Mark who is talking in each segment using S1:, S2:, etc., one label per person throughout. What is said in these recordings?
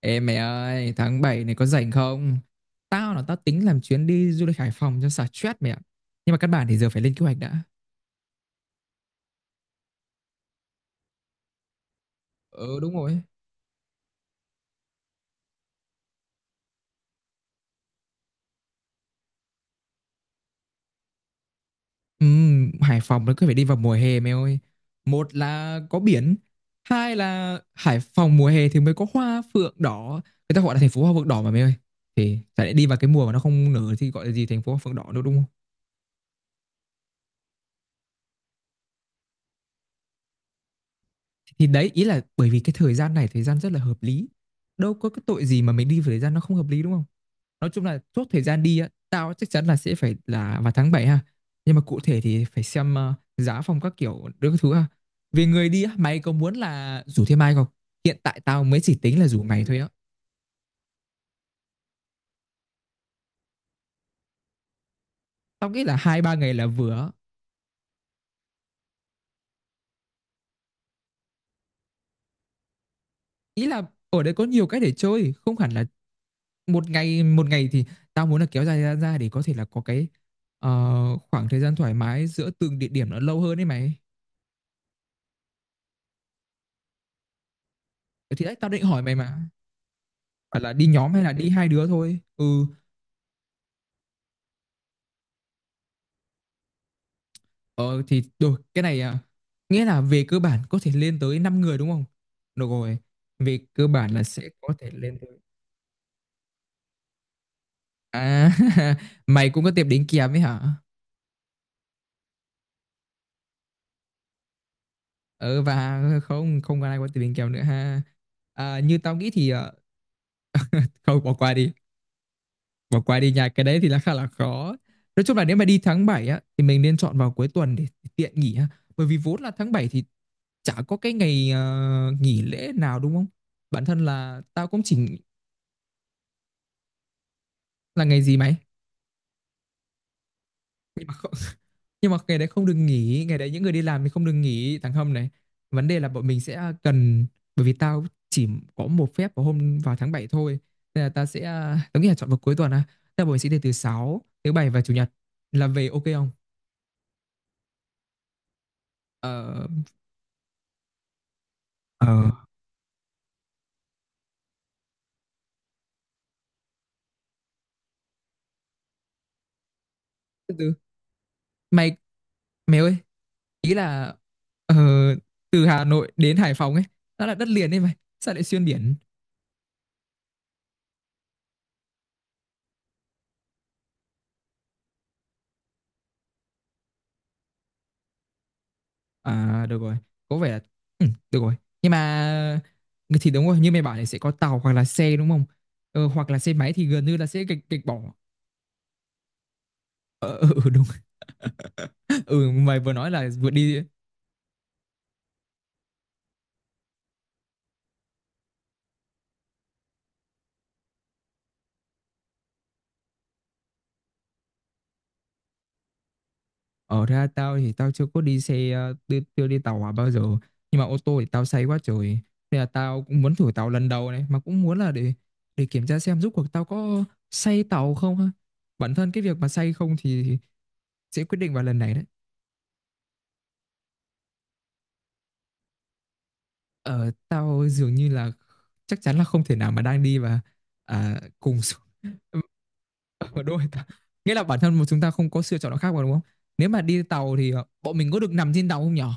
S1: Ê mày ơi, tháng 7 này có rảnh không? Tao tính làm chuyến đi du lịch Hải Phòng cho xả stress mẹ ạ. Nhưng mà căn bản thì giờ phải lên kế hoạch đã. Ừ đúng rồi. Hải Phòng nó cứ phải đi vào mùa hè mày ơi. Một là có biển, hai là Hải Phòng mùa hè thì mới có hoa phượng đỏ. Người ta gọi là thành phố hoa phượng đỏ mà mày ơi. Thì chả lẽ đi vào cái mùa mà nó không nở thì gọi là gì thành phố hoa phượng đỏ nữa, đúng? Thì đấy, ý là bởi vì cái thời gian này, thời gian rất là hợp lý. Đâu có cái tội gì mà mình đi vào thời gian nó không hợp lý, đúng không? Nói chung là chốt thời gian đi á, tao chắc chắn là sẽ phải là vào tháng 7 ha. Nhưng mà cụ thể thì phải xem giá phòng các kiểu đưa các thứ ha. Về người đi á, mày có muốn là rủ thêm ai không? Hiện tại tao mới chỉ tính là rủ mày thôi á. Tao nghĩ là 2 3 ngày là vừa á. Ý là ở đây có nhiều cái để chơi, không hẳn là một ngày. Thì tao muốn là kéo dài ra để có thể là có cái ờ, khoảng thời gian thoải mái giữa từng địa điểm nó lâu hơn đấy mày. Thì đấy tao định hỏi mày mà, phải là đi nhóm hay là đi hai đứa thôi? Ừ. ờ thì rồi cái này à, nghĩa là về cơ bản có thể lên tới 5 người đúng không? Được rồi, về cơ bản là sẽ có thể lên tới. À, mày cũng có tiệm đính kèm ấy hả? Ừ, và không không còn ai có tiệm đính kèm nữa ha? À, như tao nghĩ thì không, bỏ qua đi. Bỏ qua đi nha, cái đấy thì là khá là khó. Nói chung là nếu mà đi tháng 7 á thì mình nên chọn vào cuối tuần để tiện nghỉ á. Bởi vì vốn là tháng 7 thì chả có cái ngày nghỉ lễ nào đúng không? Bản thân là tao cũng chỉ nghĩ là ngày gì mày? Nhưng mà ngày đấy không được nghỉ, ngày đấy những người đi làm thì không được nghỉ thằng Hâm này. Vấn đề là bọn mình sẽ cần, bởi vì tao chỉ có một phép vào tháng 7 thôi. Nên là tao nghĩ là chọn vào cuối tuần á. Bọn mình sẽ đi từ thứ sáu, thứ bảy và chủ nhật là về, ok không? Ờ, Ờ, Thứ Tư. Mày mày ơi, ý là ờ, từ Hà Nội đến Hải Phòng ấy, nó là đất liền đấy mày. Sao lại xuyên biển? À được rồi, có vẻ là, ừ, được rồi. Nhưng mà thì đúng rồi, như mày bảo thì sẽ có tàu hoặc là xe đúng không? Ờ, hoặc là xe máy thì gần như là sẽ gạch gạch bỏ. Ờ, ừ, ừ, đúng. Ừ, mày vừa nói là vừa đi. Ở ra, tao chưa có đi xe ờ, chưa, chưa đi tàu hỏa bao giờ, nhưng mà ô tô thì tao say quá trời. Nên là tao cũng muốn thử tàu lần đầu này, mà cũng muốn là để kiểm tra xem rốt cuộc tao có say tàu không ha. Bản thân cái việc mà say không thì sẽ quyết định vào lần này đấy. Ờ, tao dường như là chắc chắn là không thể nào mà đang đi và à, cùng số- ở đôi tao. Nghĩa là bản thân một chúng ta không có sự chọn nào khác mà đúng không? Nếu mà đi tàu thì bọn mình có được nằm trên tàu không nhở?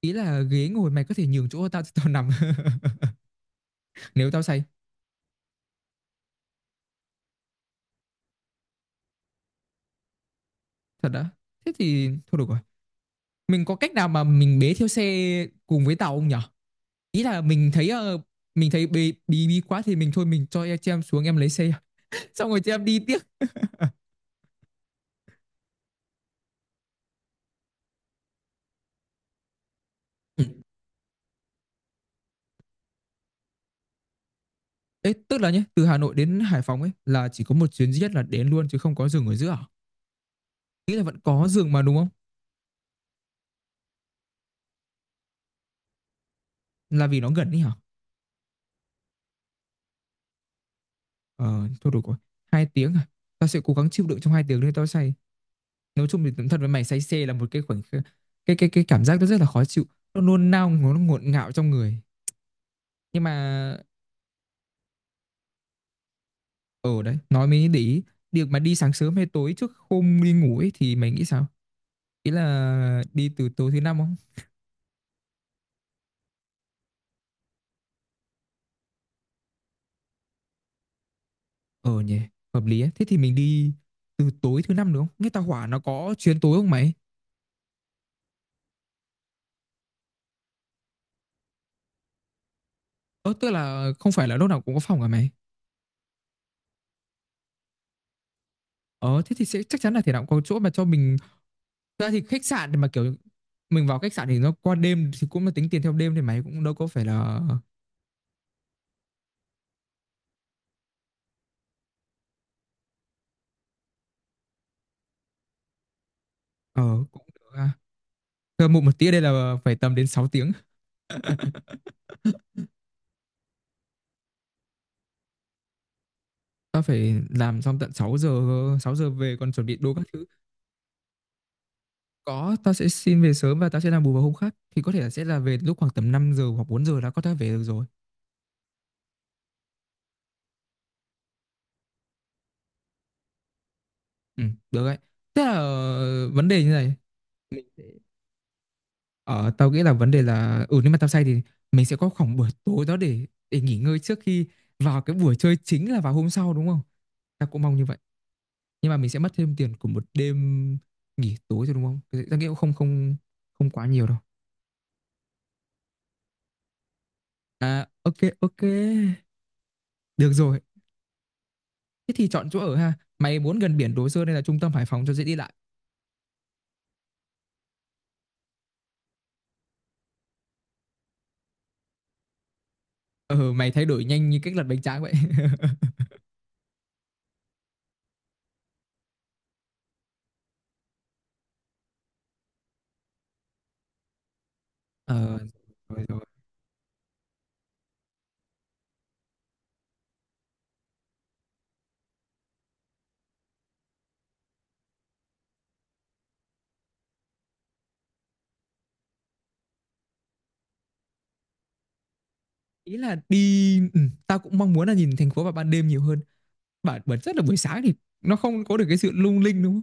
S1: Ý là ghế ngồi mày có thể nhường chỗ cho tao, cho tao nằm nếu tao say. Thật đã, thế thì thôi được rồi. Mình có cách nào mà mình bế theo xe cùng với tàu không nhở? Ý là mình thấy mình thấy bí bí bí quá thì mình thôi, mình cho em- chị em xuống, em lấy xe xong rồi chị em đi tiếp. Ừ. Ê, tức là nhé, từ Hà Nội đến Hải Phòng ấy là chỉ có một chuyến duy nhất là đến luôn chứ không có dừng ở giữa à? Nghĩ là vẫn có dừng mà đúng không? Là vì nó gần đi hả? Ờ thôi được rồi, 2 tiếng à? Tao sẽ cố gắng chịu đựng trong 2 tiếng, đấy tao say. Nói chung thì đúng thật, với mày say xe là một cái khoảnh khắc, cái cảm giác nó rất là khó chịu, nó nôn nao, nó ngột ngạo trong người. Nhưng mà ở đấy nói mới để ý, việc mà đi sáng sớm hay tối trước hôm đi ngủ ấy thì mày nghĩ sao? Ý là đi từ tối thứ năm không? Ờ nhỉ, hợp lý ấy. Thế thì mình đi từ tối thứ năm được không, nghe tao, hỏa nó có chuyến tối không mày? Ờ, tức là không phải là lúc nào cũng có phòng hả mày? Ờ thế thì sẽ chắc chắn là thể nào cũng có chỗ mà cho mình. Thật ra thì khách sạn thì mà kiểu, mình vào khách sạn thì nó qua đêm thì cũng là tính tiền theo đêm thì mày cũng đâu có phải là. ờ cũng được ha. Cơ một một tí ở đây là phải tầm đến 6 tiếng. Tao phải làm xong tận 6 giờ, 6 giờ về còn chuẩn bị đồ các thứ. Có, tao sẽ xin về sớm và tao sẽ làm bù vào hôm khác, thì có thể là sẽ là về lúc khoảng tầm 5 giờ hoặc 4 giờ đã có thể về được rồi. Ừ, được đấy. Thế là vấn đề như này. Ờ, tao nghĩ là vấn đề là, ừ, nếu mà tao say thì mình sẽ có khoảng buổi tối đó để nghỉ ngơi trước khi vào cái buổi chơi chính là vào hôm sau đúng không? Tao cũng mong như vậy. Nhưng mà mình sẽ mất thêm tiền của một đêm nghỉ tối rồi đúng không? Cái- Tao nghĩ cũng không không không quá nhiều đâu. À ok ok. Được rồi, thế thì chọn chỗ ở ha. Mày muốn gần biển Đồ Sơn hay là trung tâm Hải Phòng cho dễ đi lại? Ờ mày thay đổi nhanh như cách lật bánh tráng vậy. Ờ rồi rồi. Ý là đi, ừ, tao cũng mong muốn là nhìn thành phố vào ban đêm nhiều hơn. Bản bản rất là buổi sáng thì nó không có được cái sự lung linh đúng không?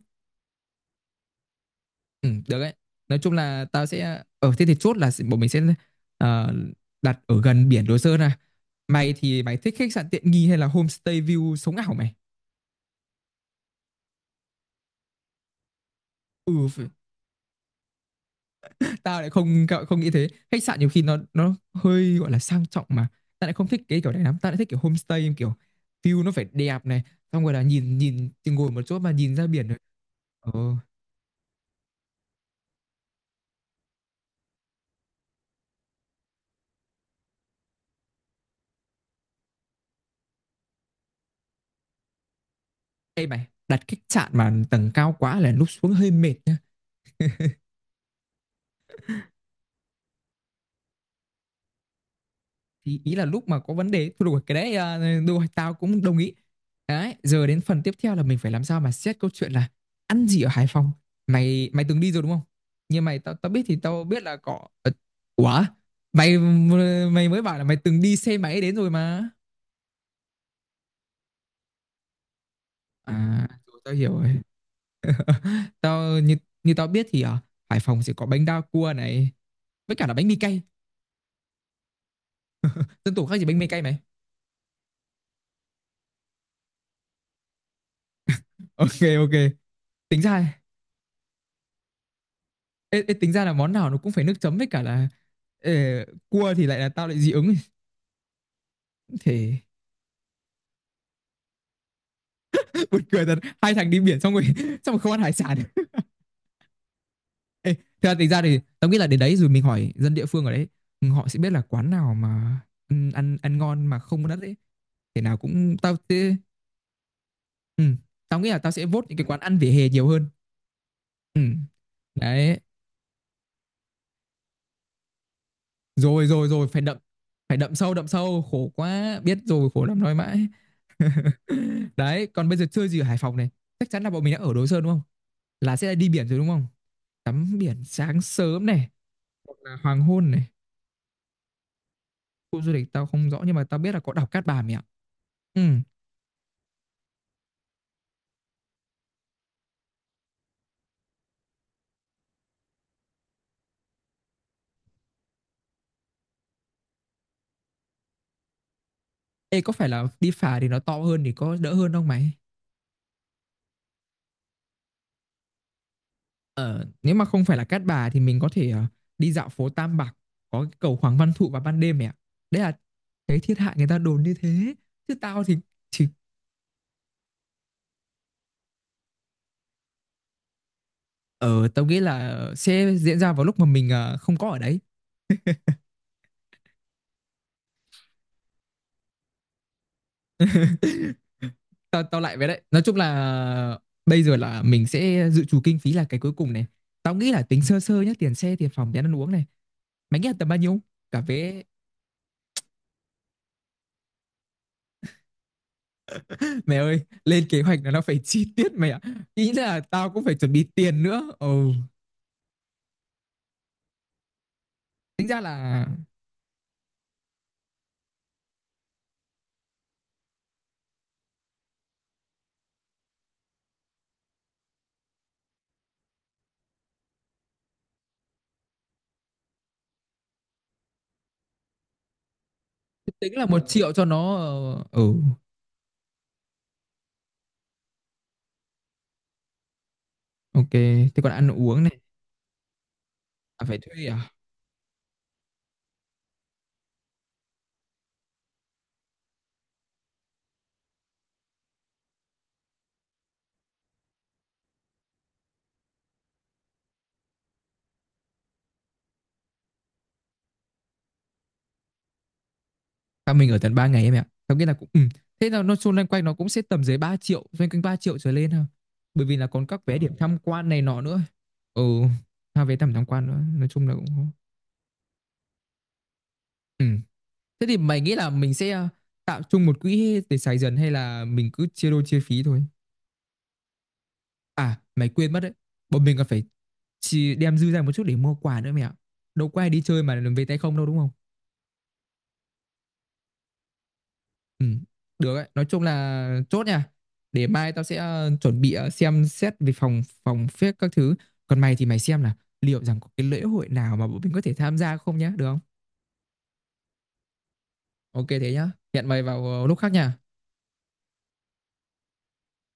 S1: Ừ, được đấy. Nói chung là tao sẽ ở, thế thì chốt là sẽ- bọn mình sẽ ờ, đặt ở gần biển Đồ Sơn à. Mày thì mày thích khách sạn tiện nghi hay là homestay view sống ảo mày? Ừ, phải- tao lại không không nghĩ thế. Khách sạn nhiều khi nó hơi gọi là sang trọng mà. Tao lại không thích cái kiểu này lắm, tao lại thích kiểu homestay, kiểu view nó phải đẹp này, xong rồi là nhìn nhìn thì ngồi một chỗ mà nhìn ra biển rồi. Ồ, đây mày đặt khách sạn mà tầng cao quá là lúc xuống hơi mệt thì, ý là lúc mà có vấn đề thôi được rồi, cái đấy à, được rồi, tao cũng đồng ý. Đấy giờ đến phần tiếp theo là mình phải làm sao mà xét câu chuyện là ăn gì ở Hải Phòng. Mày mày từng đi rồi đúng không? Nhưng mày tao tao biết thì tao biết là có. Ờ, ủa, mày mày mới bảo là mày từng đi xe máy đến rồi mà. À rồi, tao hiểu rồi. Tao như, như tao biết thì ở Hải Phòng sẽ có bánh đa cua này với cả là bánh mì cay. Dân tổ khác gì bánh mì cay mày? Ok ok, tính ra. Ê, ê, tính ra là món nào nó cũng phải nước chấm với cả là ờ, cua thì lại là tao lại dị ứng thì. Buồn cười thật, hai thằng đi biển xong rồi xong rồi không ăn hải sản. Ê, thật ra tính ra thì tao nghĩ là đến đấy rồi mình hỏi dân địa phương ở đấy. Ừ, họ sẽ biết là quán nào mà ăn ăn, ăn ngon mà không có đắt đấy. Thế nào cũng tao sẽ, ừ, tao nghĩ là tao sẽ vote những cái quán ăn vỉa hè nhiều hơn. Ừ, đấy rồi rồi rồi, phải đậm, phải đậm sâu khổ quá biết rồi khổ lắm nói mãi. Đấy, còn bây giờ chơi gì ở Hải Phòng này? Chắc chắn là bọn mình đã ở Đồ Sơn đúng không? Là sẽ đi biển rồi đúng không? Tắm biển sáng sớm này, hoặc là hoàng hôn này. Khu du lịch tao không rõ nhưng mà tao biết là có đảo Cát Bà mày ạ. Ừ. Ê, có phải là đi phà thì nó to hơn thì có đỡ hơn không mày? Ờ, nếu mà không phải là Cát Bà thì mình có thể đi dạo phố Tam Bạc, có cái cầu Hoàng Văn Thụ vào ban đêm mẹ ạ. Đấy là cái thiên hạ người ta đồn như thế. Chứ tao thì ờ tao nghĩ là sẽ diễn ra vào lúc mà mình không có ở đấy. Tao tao lại với đấy, nói chung là bây giờ là mình sẽ dự trù kinh phí là cái cuối cùng này. Tao nghĩ là tính sơ sơ nhá, tiền xe, tiền phòng, tiền ăn uống này, mày nghĩ là tầm bao nhiêu cả vé? Mẹ ơi lên kế hoạch là nó phải chi tiết mày ạ. Ý là tao cũng phải chuẩn bị tiền nữa. Ừ, tính ra là, tính là 1 triệu cho nó ừ. Ok thế còn ăn uống này. À, phải thuê à? Tao mình ở tận 3 ngày em ạ, tao nghĩ là cũng, ừ. Thế là nó xung quanh quanh nó cũng sẽ tầm dưới 3 triệu, xoay quanh 3 triệu trở lên ha, bởi vì là còn các vé điểm tham quan này nọ nữa. Ừ, tha vé tầm tham quan nữa, nói chung là cũng có. Ừm. Thế thì mày nghĩ là mình sẽ tạo chung một quỹ để xài dần hay là mình cứ chia đôi chia phí thôi? À, mày quên mất đấy. Bọn mình còn phải chi đem dư ra một chút để mua quà nữa mẹ ạ. Đâu có ai đi chơi mà về tay không đâu đúng không? Ừ, được đấy. Nói chung là chốt nha. Để mai tao sẽ chuẩn bị, xem xét về phòng phòng phép các thứ. Còn mày thì mày xem là liệu rằng có cái lễ hội nào mà bọn mình có thể tham gia không nhá, được không? Ok thế nhá. Hẹn mày vào lúc khác nha.